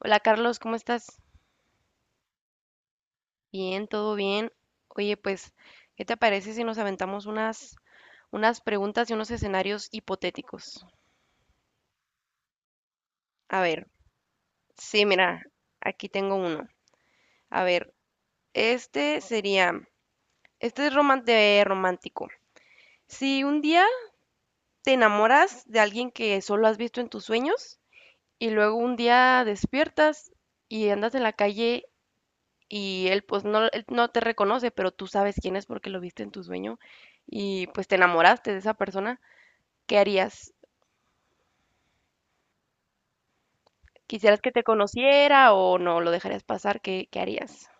Hola Carlos, ¿cómo estás? Bien, todo bien. Oye, pues, ¿qué te parece si nos aventamos unas preguntas y unos escenarios hipotéticos? A ver, sí, mira, aquí tengo uno. A ver, este sería, este es de romántico. Si un día te enamoras de alguien que solo has visto en tus sueños y luego un día despiertas y andas en la calle y él pues no, él no te reconoce, pero tú sabes quién es porque lo viste en tu sueño y pues te enamoraste de esa persona, ¿qué harías? ¿Quisieras que te conociera o no lo dejarías pasar? ¿Qué, qué harías?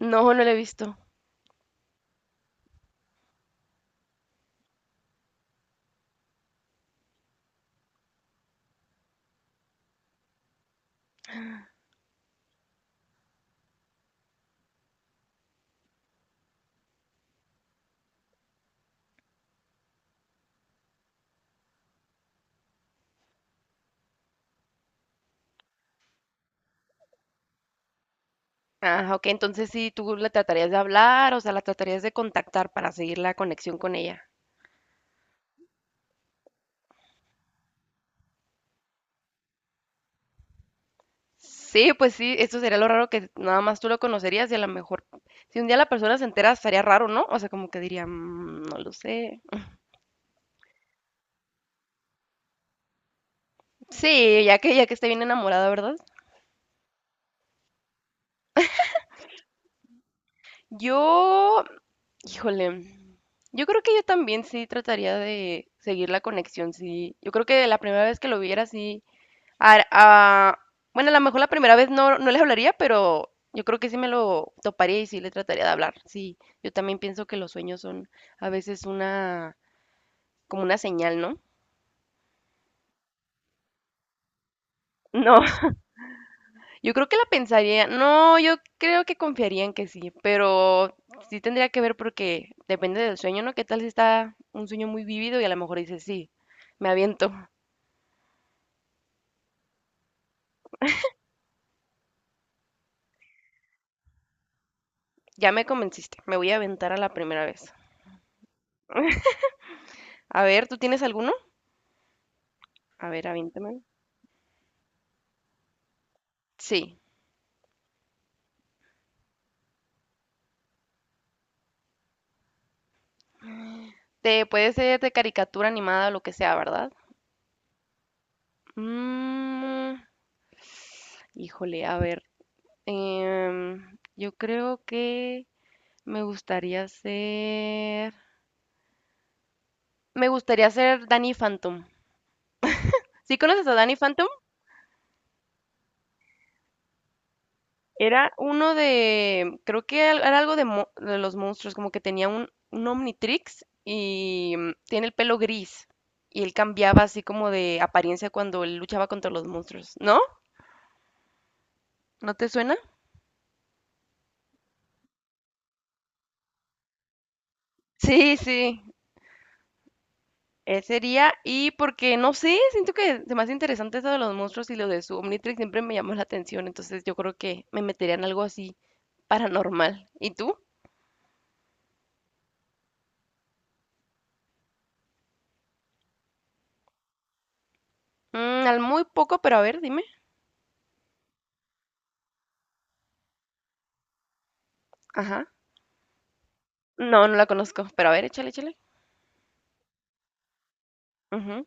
No, no lo he visto. Ah, ok, entonces sí, tú la tratarías de hablar, o sea, la tratarías de contactar para seguir la conexión con ella. Sí, pues sí, eso sería lo raro que nada más tú lo conocerías y a lo mejor si un día la persona se entera estaría raro, ¿no? O sea, como que diría, "Mm, no lo sé." Sí, ya que esté bien enamorada, ¿verdad? Yo, híjole, yo creo que yo también sí trataría de seguir la conexión, sí. Yo creo que la primera vez que lo viera, sí. ar- ah, bueno, a lo mejor la primera vez no, no les hablaría, pero yo creo que sí me lo toparía y sí le trataría de hablar. Sí, yo también pienso que los sueños son a veces como una señal, ¿no? No, yo creo que la pensaría, no, yo creo que confiaría en que sí, pero sí tendría que ver porque depende del sueño, ¿no? ¿Qué tal si está un sueño muy vívido y a lo mejor dices, sí, me aviento, ya me convenciste, me voy a aventar a la primera vez. A ver, ¿tú tienes alguno? A ver, aviéntame. Sí, te puede ser de caricatura animada o lo que sea, ¿verdad? Mm, híjole, a ver, yo creo que me gustaría ser, me gustaría ser Danny Phantom. ¿Sí conoces a Danny Phantom? Era uno de, creo que era algo de, de los monstruos, como que tenía un Omnitrix y tiene el pelo gris. Y él cambiaba así como de apariencia cuando él luchaba contra los monstruos, ¿no? ¿No te suena? Sí, sí, ese sería. Y porque, no sé, siento que se me hace interesante eso de los monstruos y lo de su Omnitrix siempre me llamó la atención, entonces yo creo que me metería en algo así paranormal. ¿Y tú? Mm, al muy poco, pero a ver, dime. Ajá. No, no la conozco, pero a ver, échale, échale. Ujú,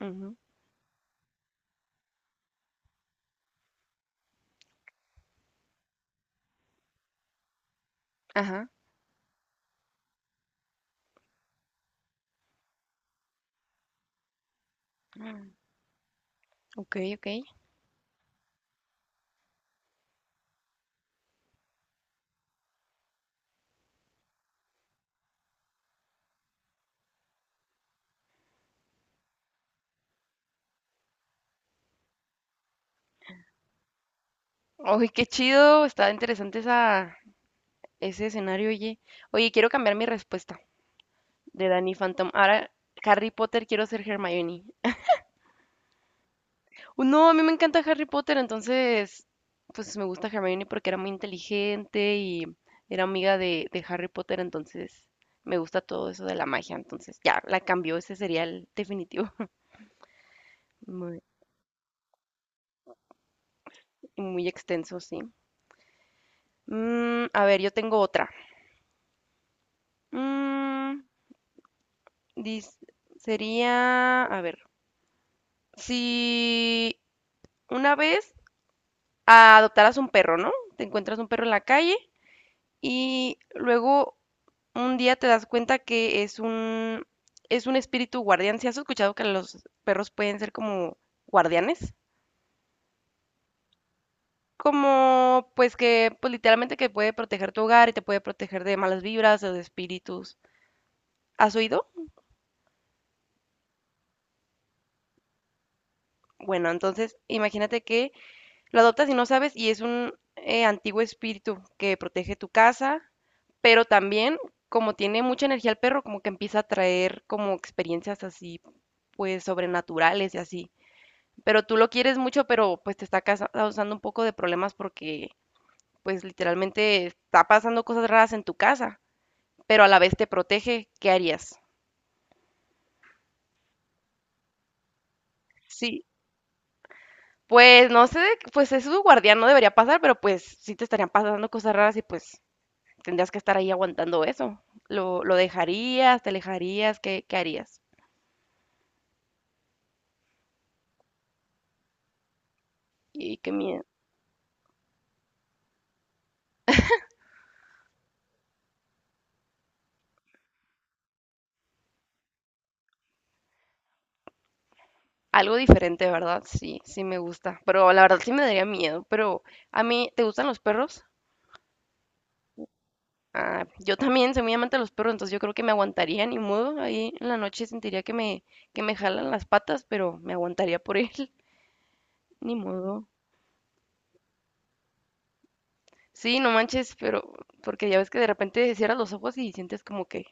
ujú, Ajá. Mm, ok, ok. Oye, qué chido, está interesante esa, ese escenario, oye. Oye, quiero cambiar mi respuesta de Danny Phantom. Ahora, Harry Potter, quiero ser Hermione. No, a mí me encanta Harry Potter, entonces, pues me gusta Hermione porque era muy inteligente y era amiga de Harry Potter, entonces me gusta todo eso de la magia, entonces ya, la cambió, ese sería el definitivo. Muy, muy extenso, sí. Mm, a ver, yo tengo otra. Mm, dis- sería, a ver, si una vez adoptaras un perro, ¿no? Te encuentras un perro en la calle y luego un día te das cuenta que es un espíritu guardián. ¿Si has escuchado que los perros pueden ser como guardianes? Como, pues que, pues literalmente que puede proteger tu hogar y te puede proteger de malas vibras o de espíritus. ¿Has oído? Bueno, entonces imagínate que lo adoptas y no sabes, y es un antiguo espíritu que protege tu casa, pero también, como tiene mucha energía el perro, como que empieza a traer como experiencias así, pues sobrenaturales y así. Pero tú lo quieres mucho, pero pues te está causando un poco de problemas porque pues literalmente está pasando cosas raras en tu casa, pero a la vez te protege, ¿qué harías? Sí, pues no sé, pues es su guardián, no debería pasar, pero pues sí te estarían pasando cosas raras y pues tendrías que estar ahí aguantando eso. Lo dejarías? ¿Te alejarías? ¿Qué, qué harías? Y qué miedo. Algo diferente, ¿verdad? Sí, sí me gusta. Pero la verdad sí me daría miedo. Pero a mí, ¿te gustan los perros? Ah, yo también soy muy amante de los perros, entonces yo creo que me aguantaría ni modo. Ahí en la noche sentiría que me jalan las patas, pero me aguantaría por él. Ni modo. Sí, no manches, pero porque ya ves que de repente cierras los ojos y sientes como que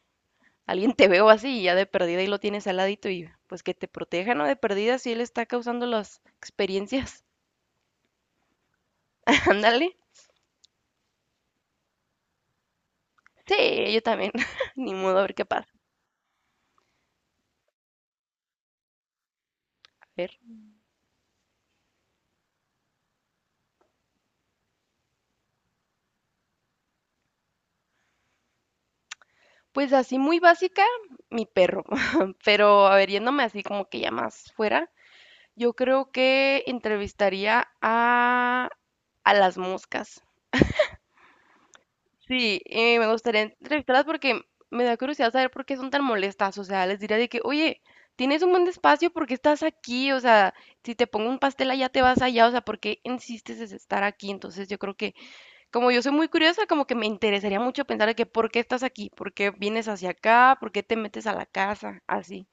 alguien te veo así y ya de perdida y lo tienes al ladito y pues que te proteja, ¿no? De perdida si él está causando las experiencias. Ándale. Sí, yo también. Ni modo, a ver qué pasa. A ver. Pues así muy básica, mi perro. Pero a ver, yéndome así como que ya más fuera, yo creo que a las moscas. Sí, me gustaría entrevistarlas porque me da curiosidad saber por qué son tan molestas. O sea, les diría de que, oye, tienes un buen espacio, ¿por qué estás aquí? O sea, si te pongo un pastel allá, te vas allá. O sea, ¿por qué insistes en estar aquí? Entonces, yo creo que, como yo soy muy curiosa, como que me interesaría mucho pensar de que, ¿por qué estás aquí? ¿Por qué vienes hacia acá? ¿Por qué te metes a la casa? Así.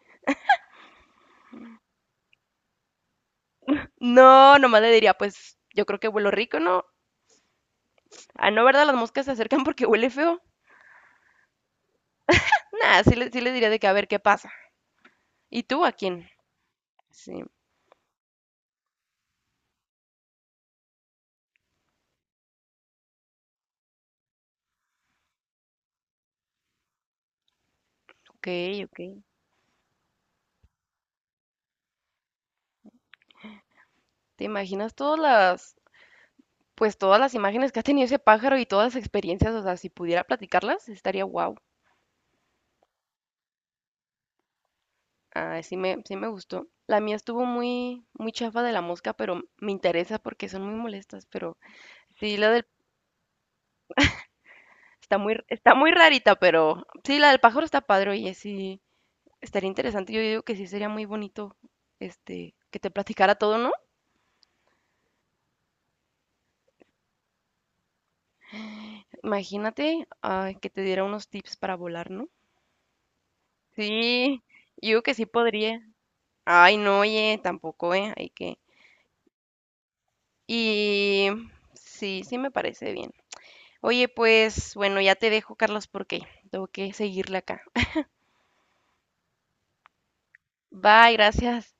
No, nomás le diría, pues, yo creo que huelo rico, ¿no? Ah, no, ¿verdad? Las moscas se acercan porque huele feo. Nada, sí le diría de que, a ver, ¿qué pasa? ¿Y tú a quién? Sí. Ok, ok. ¿Te imaginas pues todas las imágenes que ha tenido ese pájaro y todas las experiencias? O sea, si pudiera platicarlas, estaría wow. Ah, sí me gustó. La mía estuvo muy, muy chafa de la mosca, pero me interesa porque son muy molestas. Pero sí, está muy rarita, pero sí, la del pájaro está padre, oye, sí, estaría interesante. Yo digo que sí sería muy bonito, este, que te platicara todo, ¿no? Imagínate, ay, que te diera unos tips para volar, ¿no? Sí, yo digo que sí podría. Ay, no, oye, tampoco, ¿eh? Hay que... Y sí, sí me parece bien. Oye, pues bueno, ya te dejo, Carlos, porque tengo que seguirle acá. Bye, gracias.